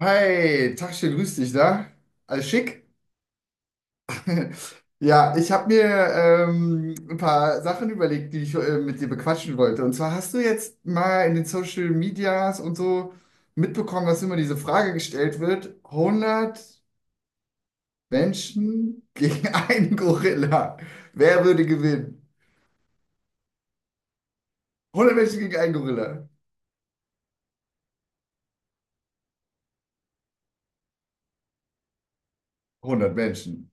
Hi, Tachchen, grüß dich, da? Alles schick? Ja, ich habe mir ein paar Sachen überlegt, die ich mit dir bequatschen wollte. Und zwar hast du jetzt mal in den Social Medias und so mitbekommen, dass immer diese Frage gestellt wird: 100 Menschen gegen einen Gorilla. Wer würde gewinnen? 100 Menschen gegen einen Gorilla. 100 Menschen.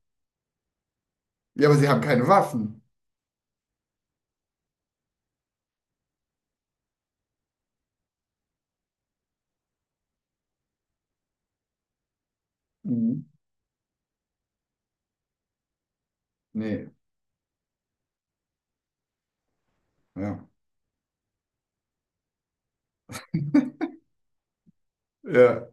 Ja, aber sie haben keine Waffen. Mhm. Nee, ja. Ja.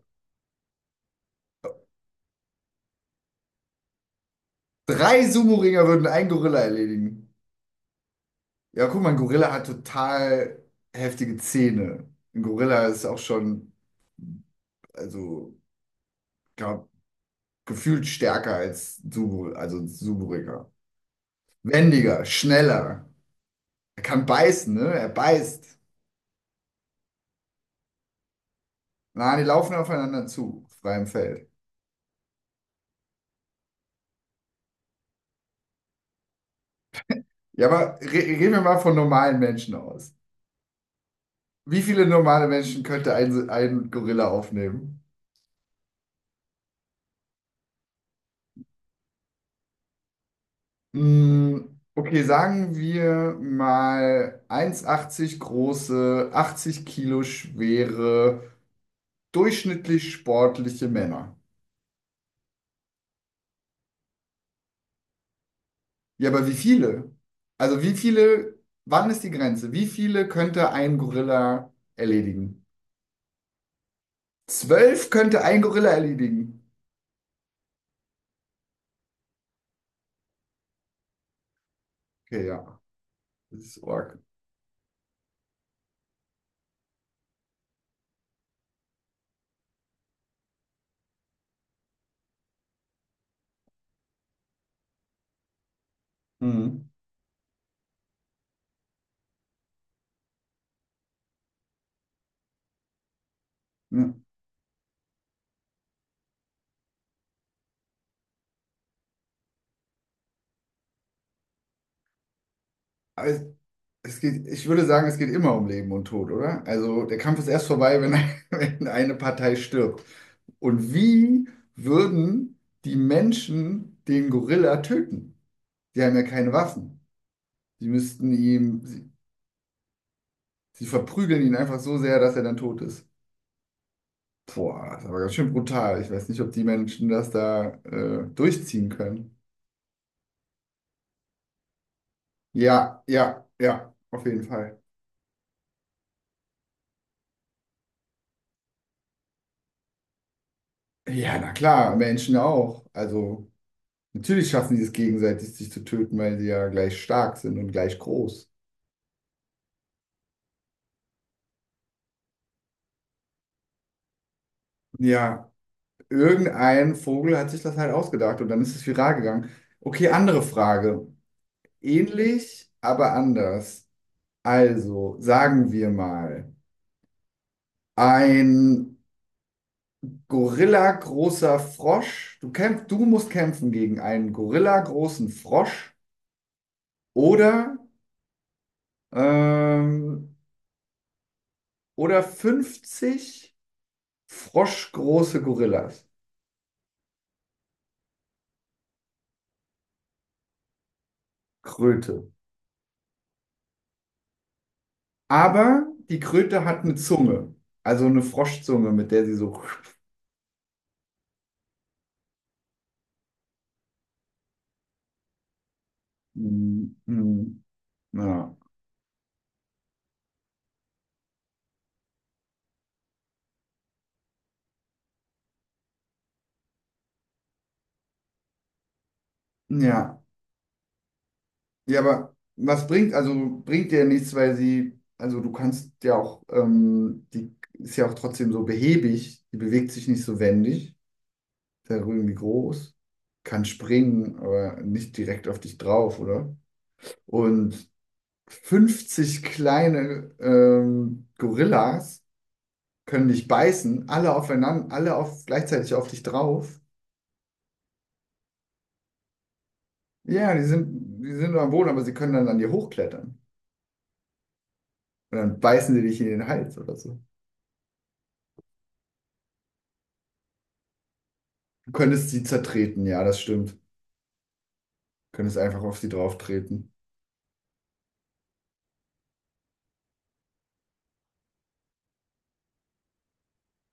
Drei Sumo-Ringer würden einen Gorilla erledigen. Ja, guck mal, ein Gorilla hat total heftige Zähne. Ein Gorilla ist auch schon, also, glaub, gefühlt stärker als Subu, also ein Suburiger. Wendiger, schneller. Er kann beißen, ne? Er beißt. Na, die laufen aufeinander zu, auf freiem Feld. Ja, aber re reden wir mal von normalen Menschen aus. Wie viele normale Menschen könnte ein Gorilla aufnehmen? Okay, sagen wir mal 1,80 große, 80 Kilo schwere, durchschnittlich sportliche Männer. Ja, aber wie viele? Also wie viele, wann ist die Grenze? Wie viele könnte ein Gorilla erledigen? 12 könnte ein Gorilla erledigen. Okay, ja, das ist arg. Mhm. Ja. Aber es geht, ich würde sagen, es geht immer um Leben und Tod, oder? Also der Kampf ist erst vorbei, wenn, wenn eine Partei stirbt. Und wie würden die Menschen den Gorilla töten? Die haben ja keine Waffen. Sie müssten ihm, sie verprügeln ihn einfach so sehr, dass er dann tot ist. Boah, das ist aber ganz schön brutal. Ich weiß nicht, ob die Menschen das da durchziehen können. Ja, ja, ja, auf jeden Fall. Ja, na klar, Menschen auch. Also natürlich schaffen die es gegenseitig, sich zu töten, weil sie ja gleich stark sind und gleich groß. Ja, irgendein Vogel hat sich das halt ausgedacht und dann ist es viral gegangen. Okay, andere Frage. Ähnlich, aber anders. Also, sagen wir mal, ein Gorilla-großer Frosch. Du musst kämpfen gegen einen Gorilla-großen Frosch oder, ähm, oder 50 froschgroße Gorillas. Kröte. Aber die Kröte hat eine Zunge. Also eine Froschzunge, mit der sie so. Mhm. Mhm. Ja. Ja. Ja, aber was bringt, also bringt dir ja nichts, weil sie, also du kannst ja auch, die ist ja auch trotzdem so behäbig, die bewegt sich nicht so wendig, ist ja irgendwie groß, kann springen, aber nicht direkt auf dich drauf, oder? Und 50 kleine Gorillas können dich beißen, alle aufeinander, alle auf, gleichzeitig auf dich drauf. Ja, die sind am Boden, aber sie können dann an dir hochklettern. Und dann beißen sie dich in den Hals oder so. Du könntest sie zertreten, ja, das stimmt. Du könntest einfach auf sie drauftreten.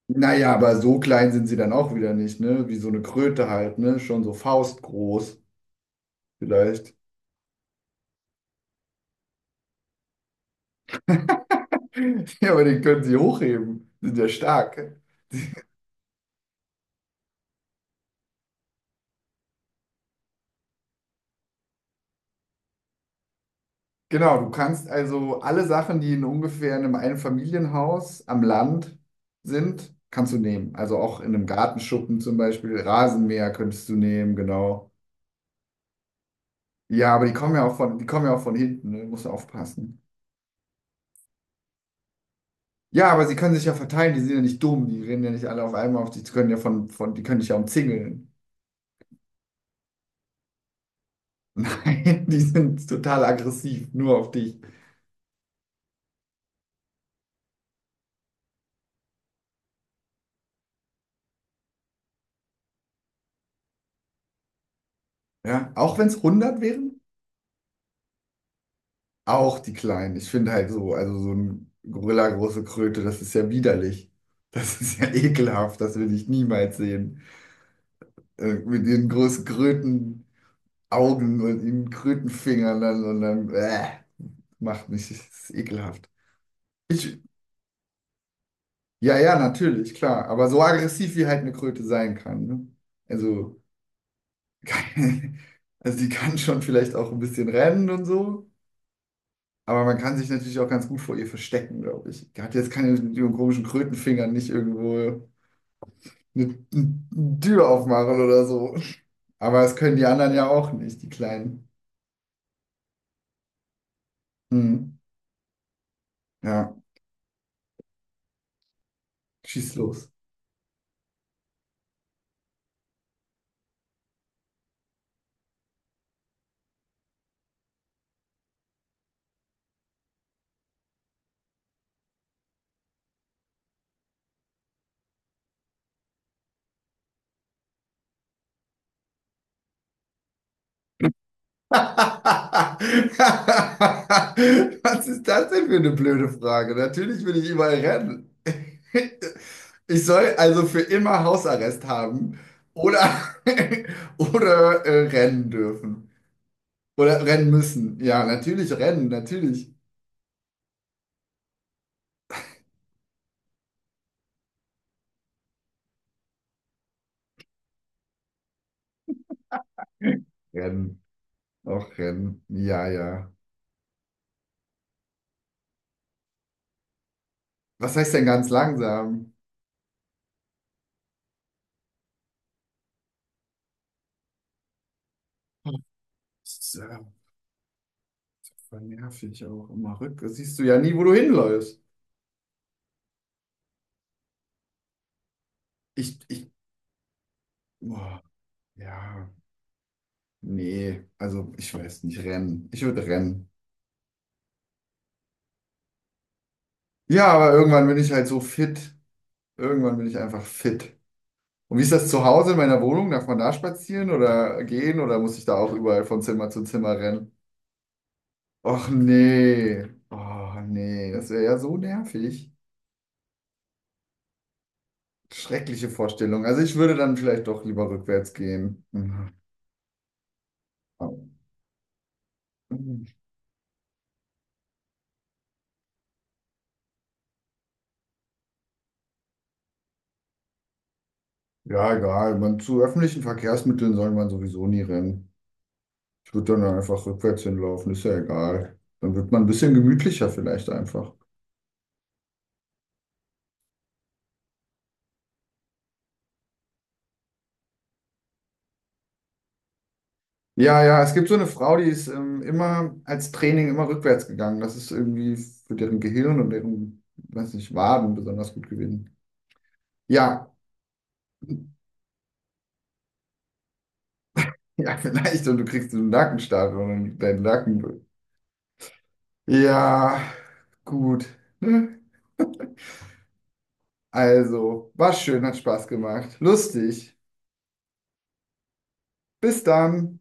Naja, aber so klein sind sie dann auch wieder nicht, ne? Wie so eine Kröte halt, ne? Schon so faustgroß vielleicht. Ja, aber den können sie hochheben. Sind ja stark. Genau, du kannst also alle Sachen, die in ungefähr einem Einfamilienhaus am Land sind, kannst du nehmen. Also auch in einem Gartenschuppen zum Beispiel, Rasenmäher könntest du nehmen, genau. Ja, aber die kommen ja auch von hinten, ne? Musst du aufpassen. Ja, aber sie können sich ja verteilen, die sind ja nicht dumm, die rennen ja nicht alle auf einmal auf dich, die können ja die können dich ja umzingeln. Nein, die sind total aggressiv, nur auf dich. Ja, auch wenn es 100 wären, auch die Kleinen. Ich finde halt so, also so ein Gorilla große Kröte, das ist ja widerlich. Das ist ja ekelhaft, das will ich niemals sehen. Mit ihren großen Krötenaugen und ihren Krötenfingern dann und dann, macht mich, das ist ekelhaft. Ich, Ja, ja, natürlich, klar. Aber so aggressiv wie halt eine Kröte sein kann. Ne? Also, also die kann schon vielleicht auch ein bisschen rennen und so. Aber man kann sich natürlich auch ganz gut vor ihr verstecken, glaube ich. Die hat jetzt keine mit ihren komischen Krötenfingern nicht irgendwo eine Tür aufmachen oder so. Aber das können die anderen ja auch nicht, die Kleinen. Hm. Ja, schieß los. Was ist das denn für eine blöde Frage? Natürlich will ich überall rennen. Ich soll also für immer Hausarrest haben oder, oder rennen dürfen. Oder rennen müssen. Ja, natürlich rennen, natürlich. Rennen. Auch rennen. Ja, ja. Was heißt denn ganz langsam? Ist ja voll nervig auch immer rück. Das siehst du ja nie, wo du hinläufst. Ich, boah, ja. Nee, also ich weiß nicht, rennen. Ich würde rennen. Ja, aber irgendwann bin ich halt so fit. Irgendwann bin ich einfach fit. Und wie ist das zu Hause in meiner Wohnung? Darf man da spazieren oder gehen oder muss ich da auch überall von Zimmer zu Zimmer rennen? Och nee. Oh nee, das wäre ja so nervig. Schreckliche Vorstellung. Also ich würde dann vielleicht doch lieber rückwärts gehen. Mhm. Ja, egal. Man, zu öffentlichen Verkehrsmitteln soll man sowieso nie rennen. Ich würde dann einfach rückwärts hinlaufen, ist ja egal. Dann wird man ein bisschen gemütlicher vielleicht einfach. Ja, ja, es gibt so eine Frau, die ist immer als Training immer rückwärts gegangen. Das ist irgendwie für deren Gehirn und deren, weiß nicht, Waden besonders gut gewesen. Ja, ja, vielleicht. Und du kriegst so einen Nackenstarre und deinen Nacken. Ja, gut. Ne? Also, war schön, hat Spaß gemacht. Lustig. Bis dann.